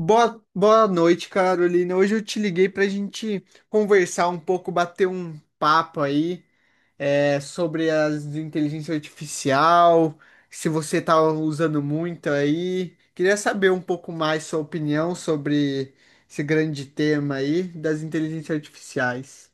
Boa noite, Carolina. Hoje eu te liguei para a gente conversar um pouco, bater um papo aí sobre as inteligência artificial, se você está usando muito aí. Queria saber um pouco mais sua opinião sobre esse grande tema aí das inteligências artificiais.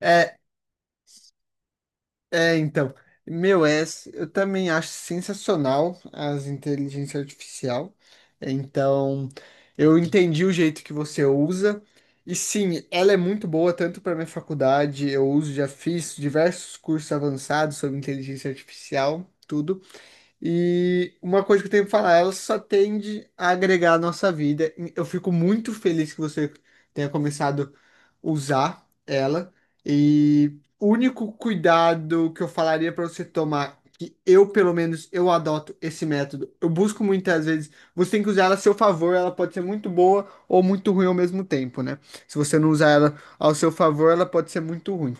É, É, então, meu, é, eu também acho sensacional as inteligência artificial. É, Então, eu entendi o jeito que você usa. E sim, ela é muito boa tanto para minha faculdade, eu uso, já fiz diversos cursos avançados sobre inteligência artificial, tudo. E uma coisa que eu tenho que falar, ela só tende a agregar à nossa vida. Eu fico muito feliz que você tenha começado a usar ela. E o único cuidado que eu falaria para você tomar, que eu, pelo menos, eu adoto esse método. Eu busco muitas vezes, você tem que usar ela a seu favor, ela pode ser muito boa ou muito ruim ao mesmo tempo, né? Se você não usar ela ao seu favor, ela pode ser muito ruim.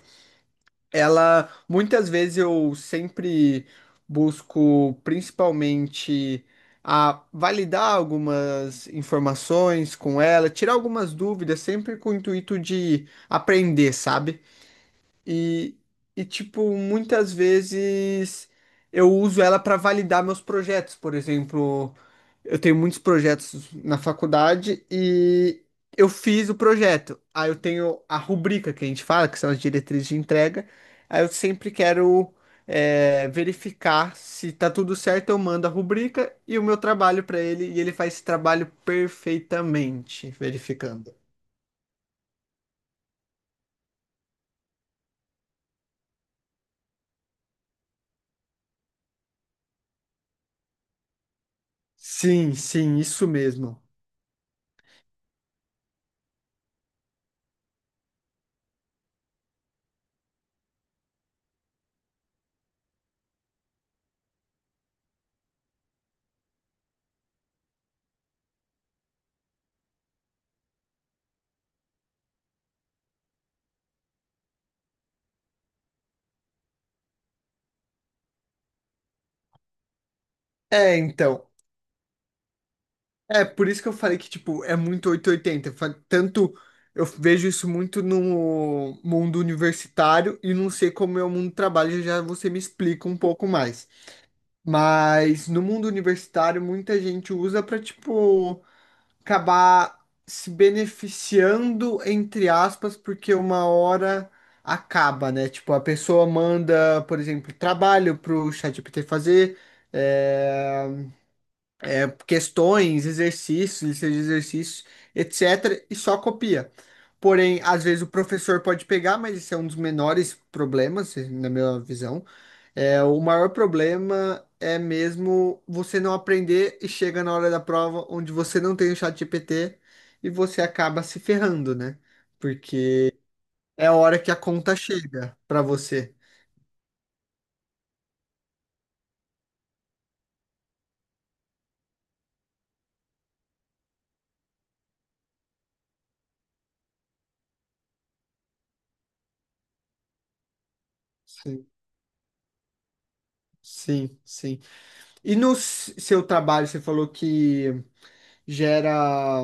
Ela, muitas vezes eu sempre busco principalmente a validar algumas informações com ela, tirar algumas dúvidas, sempre com o intuito de aprender, sabe? E, e tipo, muitas vezes eu uso ela para validar meus projetos. Por exemplo, eu tenho muitos projetos na faculdade e eu fiz o projeto. Aí eu tenho a rubrica que a gente fala, que são as diretrizes de entrega. Aí eu sempre quero verificar se tá tudo certo, eu mando a rubrica e o meu trabalho para ele, e ele faz esse trabalho perfeitamente, verificando. Sim, sim, isso mesmo. É, então. Por isso que eu falei que, tipo, é muito 880. Tanto eu vejo isso muito no mundo universitário e não sei como é o mundo do trabalho, já você me explica um pouco mais. Mas no mundo universitário, muita gente usa pra, tipo, acabar se beneficiando, entre aspas, porque uma hora acaba, né? Tipo, a pessoa manda, por exemplo, trabalho pro ChatGPT fazer. eh, Questões, exercícios, listas de exercícios, etc., e só copia. Porém, às vezes o professor pode pegar, mas esse é um dos menores problemas, na minha visão. É, o maior problema é mesmo você não aprender e chega na hora da prova onde você não tem o chat GPT e você acaba se ferrando, né? Porque é a hora que a conta chega para você. Sim, sim, sim. E no seu trabalho, você falou que gera,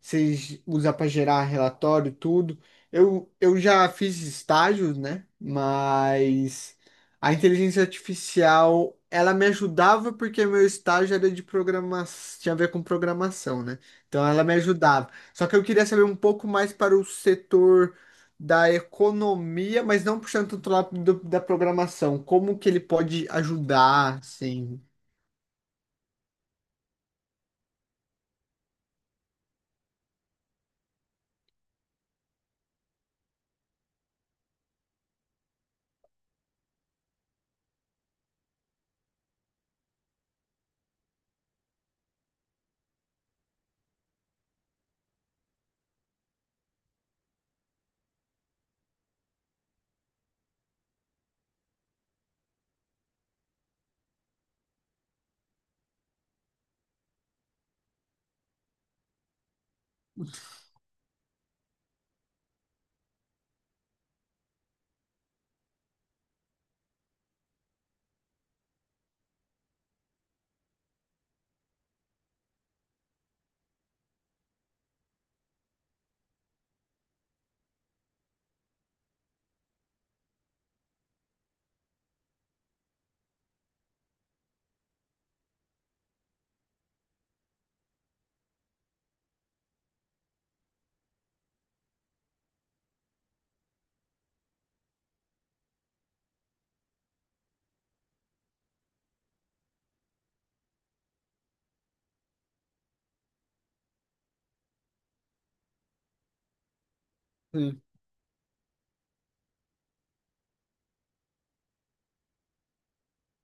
vocês usam para gerar relatório, tudo. Eu já fiz estágios, né? Mas a inteligência artificial, ela me ajudava porque meu estágio era de programação, tinha a ver com programação, né? Então ela me ajudava. Só que eu queria saber um pouco mais para o setor da economia, mas não puxando tanto lá da programação. Como que ele pode ajudar, sim.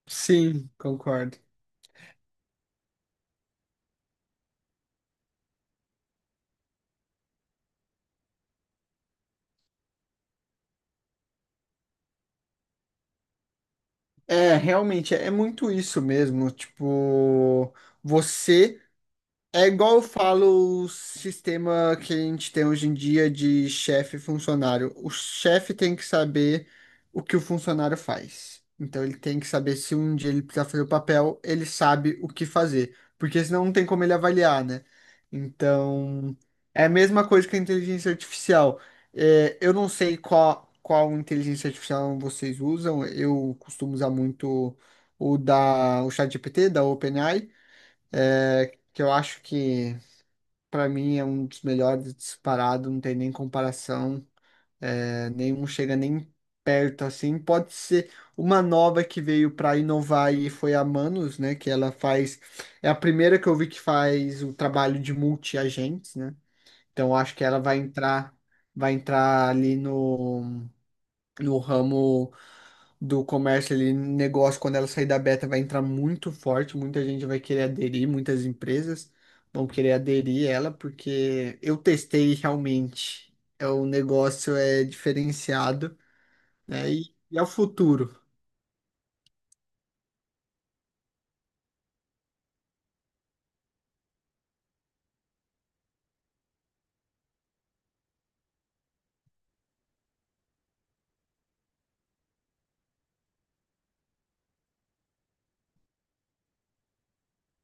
Sim, concordo. É, realmente, é muito isso mesmo. Tipo, você. É igual eu falo o sistema que a gente tem hoje em dia de chefe e funcionário. O chefe tem que saber o que o funcionário faz. Então ele tem que saber se um dia ele precisar fazer o papel, ele sabe o que fazer. Porque senão não tem como ele avaliar, né? Então é a mesma coisa que a inteligência artificial. É, eu não sei qual inteligência artificial vocês usam. Eu costumo usar muito o ChatGPT, da OpenAI, é, que eu acho que. Para mim é um dos melhores disparado, não tem nem comparação, nenhum chega nem perto assim. Pode ser uma nova que veio para inovar e foi a Manus, né? Que ela faz, é a primeira que eu vi que faz o trabalho de multi-agentes, né? Então eu acho que ela vai entrar ali no ramo do comércio ali, negócio, quando ela sair da beta, vai entrar muito forte, muita gente vai querer aderir, muitas empresas vão querer aderir ela, porque eu testei e realmente, o negócio é diferenciado, né? E é o futuro.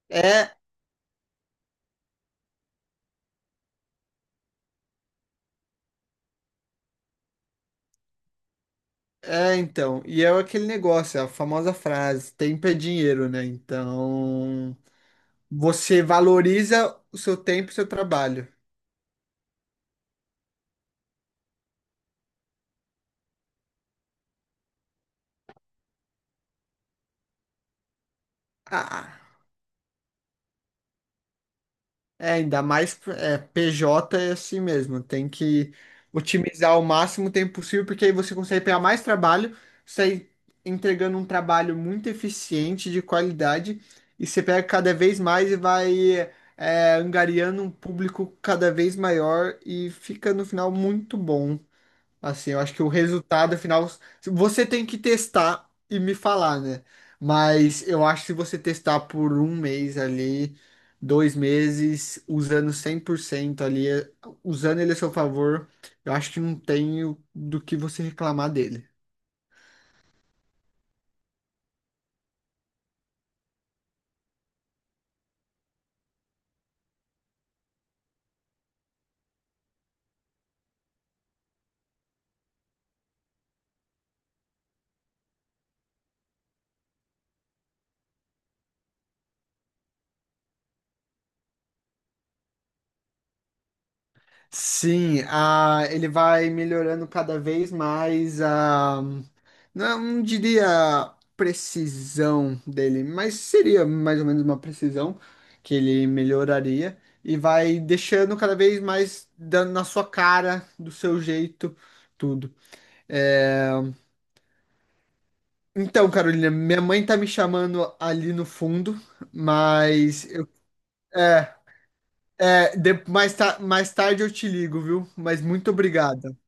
É, é então, e é aquele negócio, é a famosa frase, tempo é dinheiro, né? Então, você valoriza o seu tempo e o seu trabalho. Ah. Ainda mais PJ é assim mesmo, tem que otimizar o máximo tempo possível, porque aí você consegue pegar mais trabalho, sai entregando um trabalho muito eficiente, de qualidade, e você pega cada vez mais e vai angariando um público cada vez maior e fica no final muito bom. Assim, eu acho que o resultado final você tem que testar e me falar, né? Mas eu acho que se você testar por um mês ali, dois meses, usando 100% ali, usando ele a seu favor, eu acho que não tem do que você reclamar dele. Sim, a, ele vai melhorando cada vez mais a. Não, não diria precisão dele, mas seria mais ou menos uma precisão que ele melhoraria e vai deixando cada vez mais dando na sua cara, do seu jeito, tudo. É, Então, Carolina, minha mãe tá me chamando ali no fundo, mas é, mais, mais tarde eu te ligo, viu? Mas muito obrigado.